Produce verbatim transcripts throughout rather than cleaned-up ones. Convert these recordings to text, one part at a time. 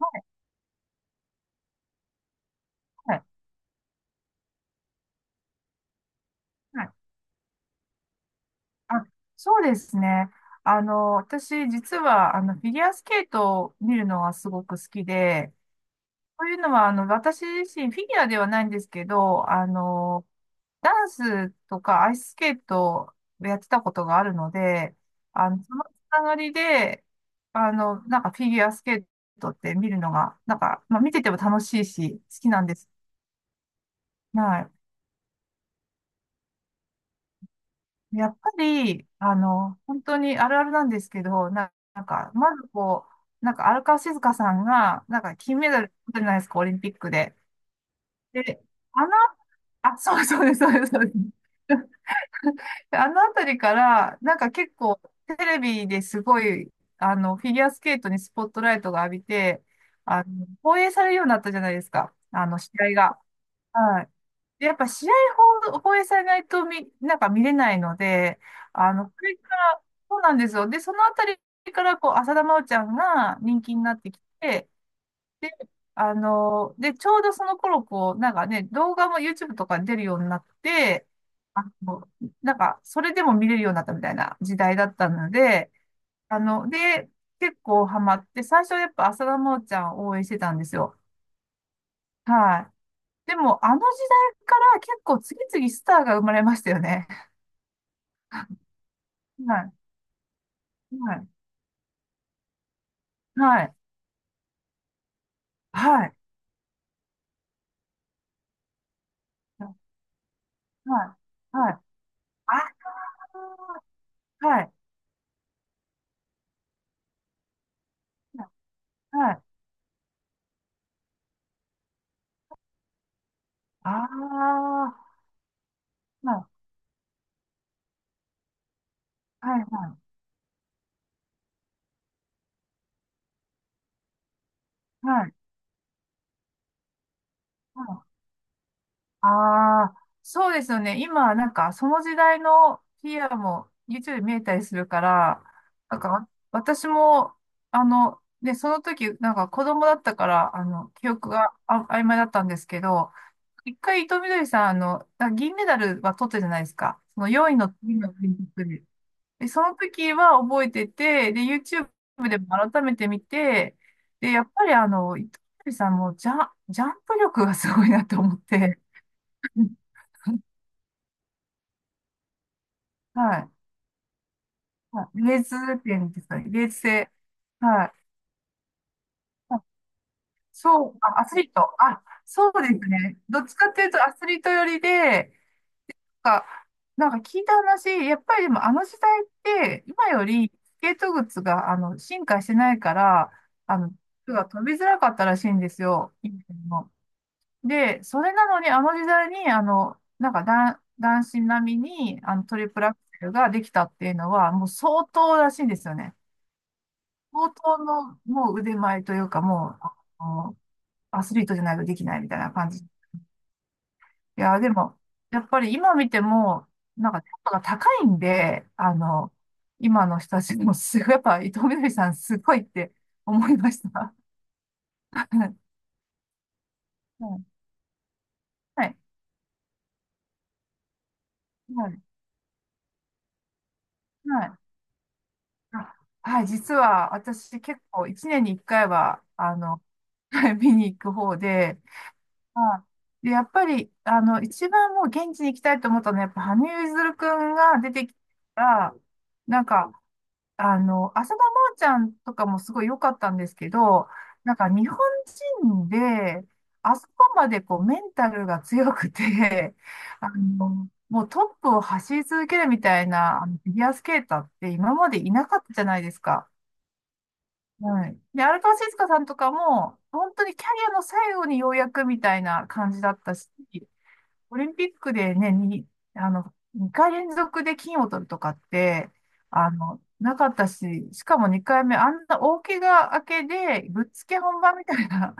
はい。はい。はい。あ、そうですね。あの、私、実は、あの、フィギュアスケートを見るのがすごく好きで、というのは、あの、私自身、フィギュアではないんですけど、あの、ダンスとかアイススケートをやってたことがあるので、あの、そのつながりで、あの、なんかフィギュアスケートって見るのが、なんか、まあ、見てても楽しいし、好きなんです。はい。やっぱり、あの、本当にあるあるなんですけど、な、なんか、まずこう、なんか荒川静香さんが、なんか金メダル取ってるじゃないですか、オリンピックで。で、あの、あ、そうそうです、そうです、そうです。あのあたりから、なんか結構テレビですごい、あの、フィギュアスケートにスポットライトが浴びて、あの、放映されるようになったじゃないですか、あの、試合が。はい。でやっぱ試合放放映されないと見、なんか見れないので、あの、これから、そうなんですよ。で、そのあたりから、こう、浅田真央ちゃんが人気になってきて、で、あの、で、ちょうどその頃、こう、なんかね、動画も YouTube とかに出るようになって、あの、なんか、それでも見れるようになったみたいな時代だったので、あの、で、結構ハマって、最初はやっぱ浅田真央ちゃんを応援してたんですよ。はい。でも、あの時代から結構次々スターが生まれましたよね。はい。はい。はい。はい。はい。はい。ああ、はい。はい。ああ、はい。はい。はい。はい。ああ、そうですよね。今、なんか、その時代のフィギュアも YouTube で見えたりするから、なんか、私も、あの、ね、その時、なんか子供だったから、あの、記憶があ曖昧だったんですけど、いっかい、いとうみどりさん、あの、あ銀メダルは取ったじゃないですか。そのよんいの次のオリンピックで。で、その時は覚えてて、で、YouTube でも改めて見て、で、やっぱりあの、伊藤みどりさんもジャ、ジャンプ力がすごいなと思って、はい。はい。レース点ですかね。レーズ性。はい。まあそう、あ、アスリート。あ、そうですね。どっちかっていうとアスリート寄りで、か、なんか聞いた話、やっぱりでもあの時代って今よりスケート靴があの進化してないから、あの、靴が飛びづらかったらしいんですよ。以ので、それなのにあの時代に、あの、なんか男、男子並みにあのトリプルアクセルができたっていうのはもう相当らしいんですよね。相当のもう腕前というかもう、あの、アスリートじゃないとできないみたいな感じ。いや、でも、やっぱり今見ても、なんか、ちょっとが高いんで、あの、今の人たちもすごい、やっぱ伊藤みどりさんすごいって思いました。はい。はい。はい。はい。あ、はい。実は私結構いちねんにいっかいは、あの、はい見に行く方で、はい。で、やっぱり、あの、一番もう現地に行きたいと思ったのは、やっぱ羽生結弦くんが出てきたら、なんか、あの、浅田真央ちゃんとかもすごい良かったんですけど、なんか日本人で、あそこまでこうメンタルが強くて、あの、もうトップを走り続けるみたいなあのフィギュアスケーターって今までいなかったじゃないですか。はい。で、荒川静香さんとかも、本当にキャリアの最後にようやくみたいな感じだったし、オリンピックでね、に、あの、にかい連続で金を取るとかって、あの、なかったし、しかもにかいめ、あんな大怪我明けで、ぶっつけ本番みたいな。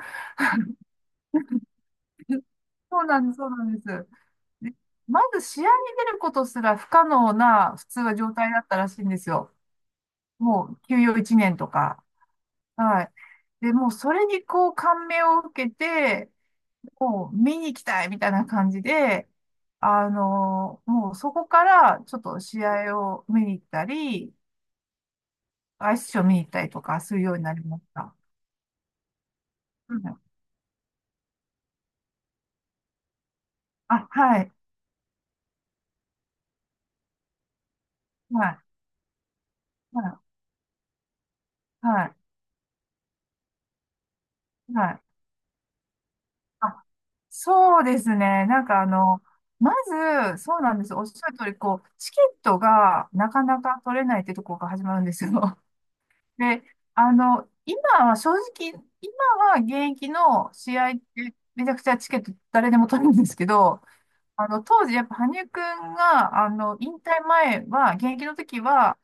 そうなんです、そうなんです。でまず試合に出ることすら不可能な、普通は状態だったらしいんですよ。もう休養いちねんとか。はい。で、もうそれにこう感銘を受けて、もう見に行きたいみたいな感じで、あの、もうそこからちょっと試合を見に行ったり、アイスショー見に行ったりとかするようになりました。うん。あ、はい、はい、はい、はい、はい。あ、そうですね。なんかあの、まず、そうなんです。おっしゃる通り、こう、チケットがなかなか取れないってとこが始まるんですよ。で、あの、今は正直、今は現役の試合ってめちゃくちゃチケット誰でも取れるんですけど、あの、当時やっぱ羽生くんが、あの、引退前は、現役の時は、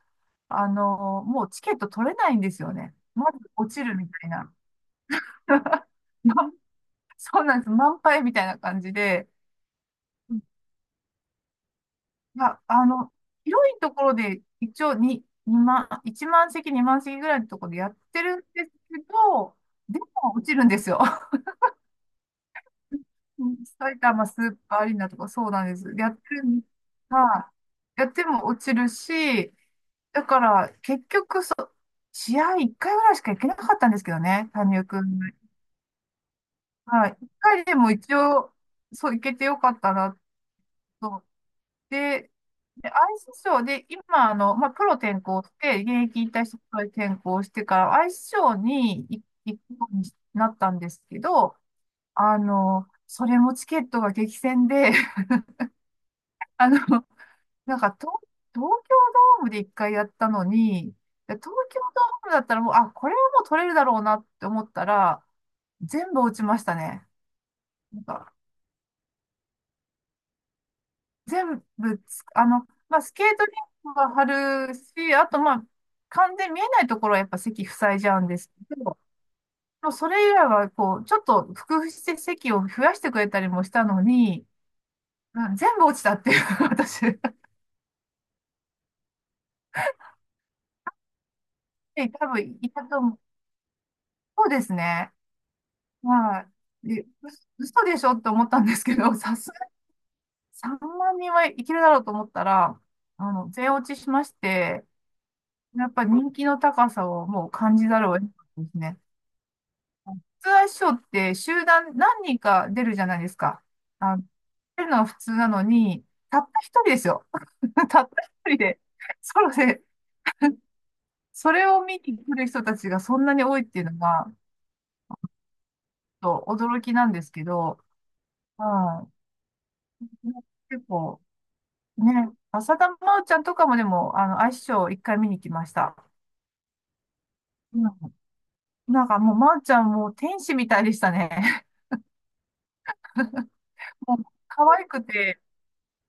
あの、もうチケット取れないんですよね。まず落ちるみたいな。まそうなんです。満杯みたいな感じで、まあの、広いところで一応ににまん、いちまん席、にまん席ぐらいのところでやってるんですけど、でも落ちるんですよ。うん。埼玉スーパーアリーナとかそうなんです。やってるん、はい。やっても落ちるし、だから結局そう、試合いっかいぐらいしか行けなかったんですけどね、羽生くん。はい。いっかいでも一応、そう、行けてよかったなと。で、でアイスショーで、今、あの、まあ、プロ転向して、現役引退してプロに転向してから、アイスショーに行行くようになったんですけど、あの、それもチケットが激戦で、あの、なんか東、東京ドームで一回やったのに、東京ドームだったらもう、あ、これはもう取れるだろうなって思ったら、全部落ちましたね。なんか、全部つ、あの、まあ、スケートリンクは張るし、あと、まあ、完全に見えないところはやっぱ席塞いじゃうんですけど、もうそれ以外は、こう、ちょっと工夫して席を増やしてくれたりもしたのに、うん。全部落ちたっていう、私。え、多分、いたと思う。そうですね。はい。で、う嘘でしょって思ったんですけど、さすがにさんまん人はいけるだろうと思ったら、あの、全落ちしまして、やっぱ人気の高さをもう感じざるを得なかったですね。普通は師匠って集団何人か出るじゃないですか。あの、出るのは普通なのに、たった一人ですよ。たった一人で、ソロで、それを見に来る人たちがそんなに多いっていうのが、ちょっと驚きなんですけど、はい。結構、ね、浅田真央ちゃんとかもでも、あの、アイスショーいっかいみにきました。うん。なんかもう真央ちゃんもう天使みたいでしたね。もう可愛くて、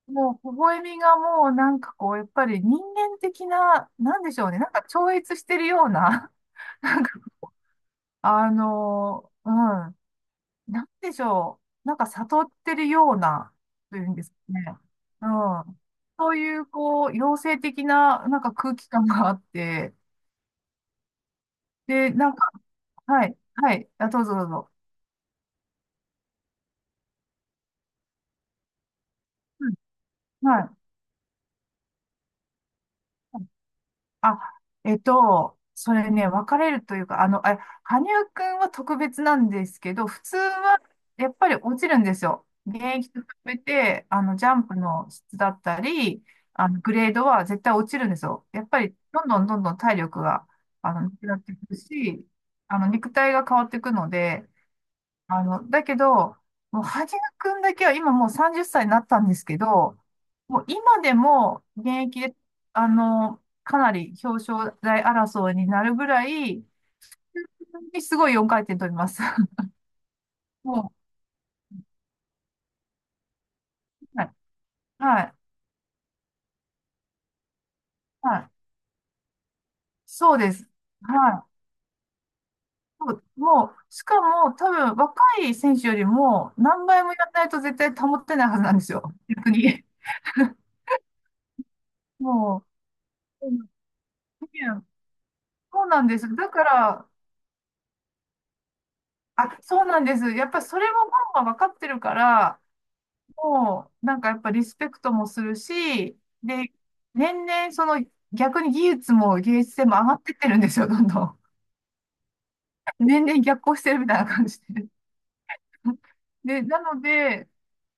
もう微笑みがもうなんかこう、やっぱり人間的な、なんでしょうね、なんか超越してるような、なんか、あのーうん、なんでしょう、なんか悟ってるような、というんですかね。うん。そういう、こう、妖精的な、なんか空気感があって、で、なんか、はい、はい。あ、どうぞどうぞ。うん。はい。あ、えっと、それね、分かれるというか、あの、あ、羽生くんは特別なんですけど、普通はやっぱり落ちるんですよ。現役と比べて、あの、ジャンプの質だったり、あの、グレードは絶対落ちるんですよ。やっぱり、どんどんどんどん体力が、あの、なくなってくるし、あの、肉体が変わっていくので、あの、だけど、もう、はじめくんだけは今もうさんじゅっさいになったんですけど、もう今でも現役で、あの、かなり表彰台争いになるぐらい、すごいよんかい転取ります。もう、はい、はい、はい。そうです。はい。もう、もうしかも多分若い選手よりも何倍もやらないと絶対保ってないはずなんですよ。逆に。もう、うん。そうなんです。だから、あ、そうなんです。やっぱりそれもファンは分かってるから、もう、なんかやっぱリスペクトもするし、で、年々その逆に技術も芸術性も上がってってるんですよ、どんどん。年々逆行してるみたいな感じで。で、なので、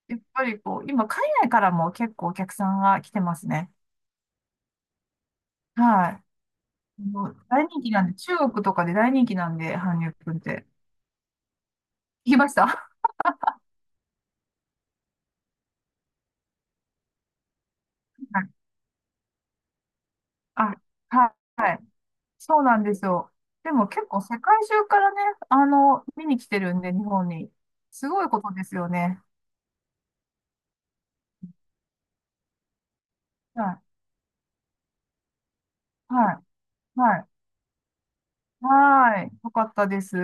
やっぱりこう、今海外からも結構お客さんが来てますね。はい。もう大人気なんで、中国とかで大人気なんで、韓流くんって。聞きました。 はい。あ、はい。はい。そうなんですよ。でも結構世界中からね、あの、見に来てるんで、日本に。すごいことですよね。はい。はい。はい。はい。よかったです。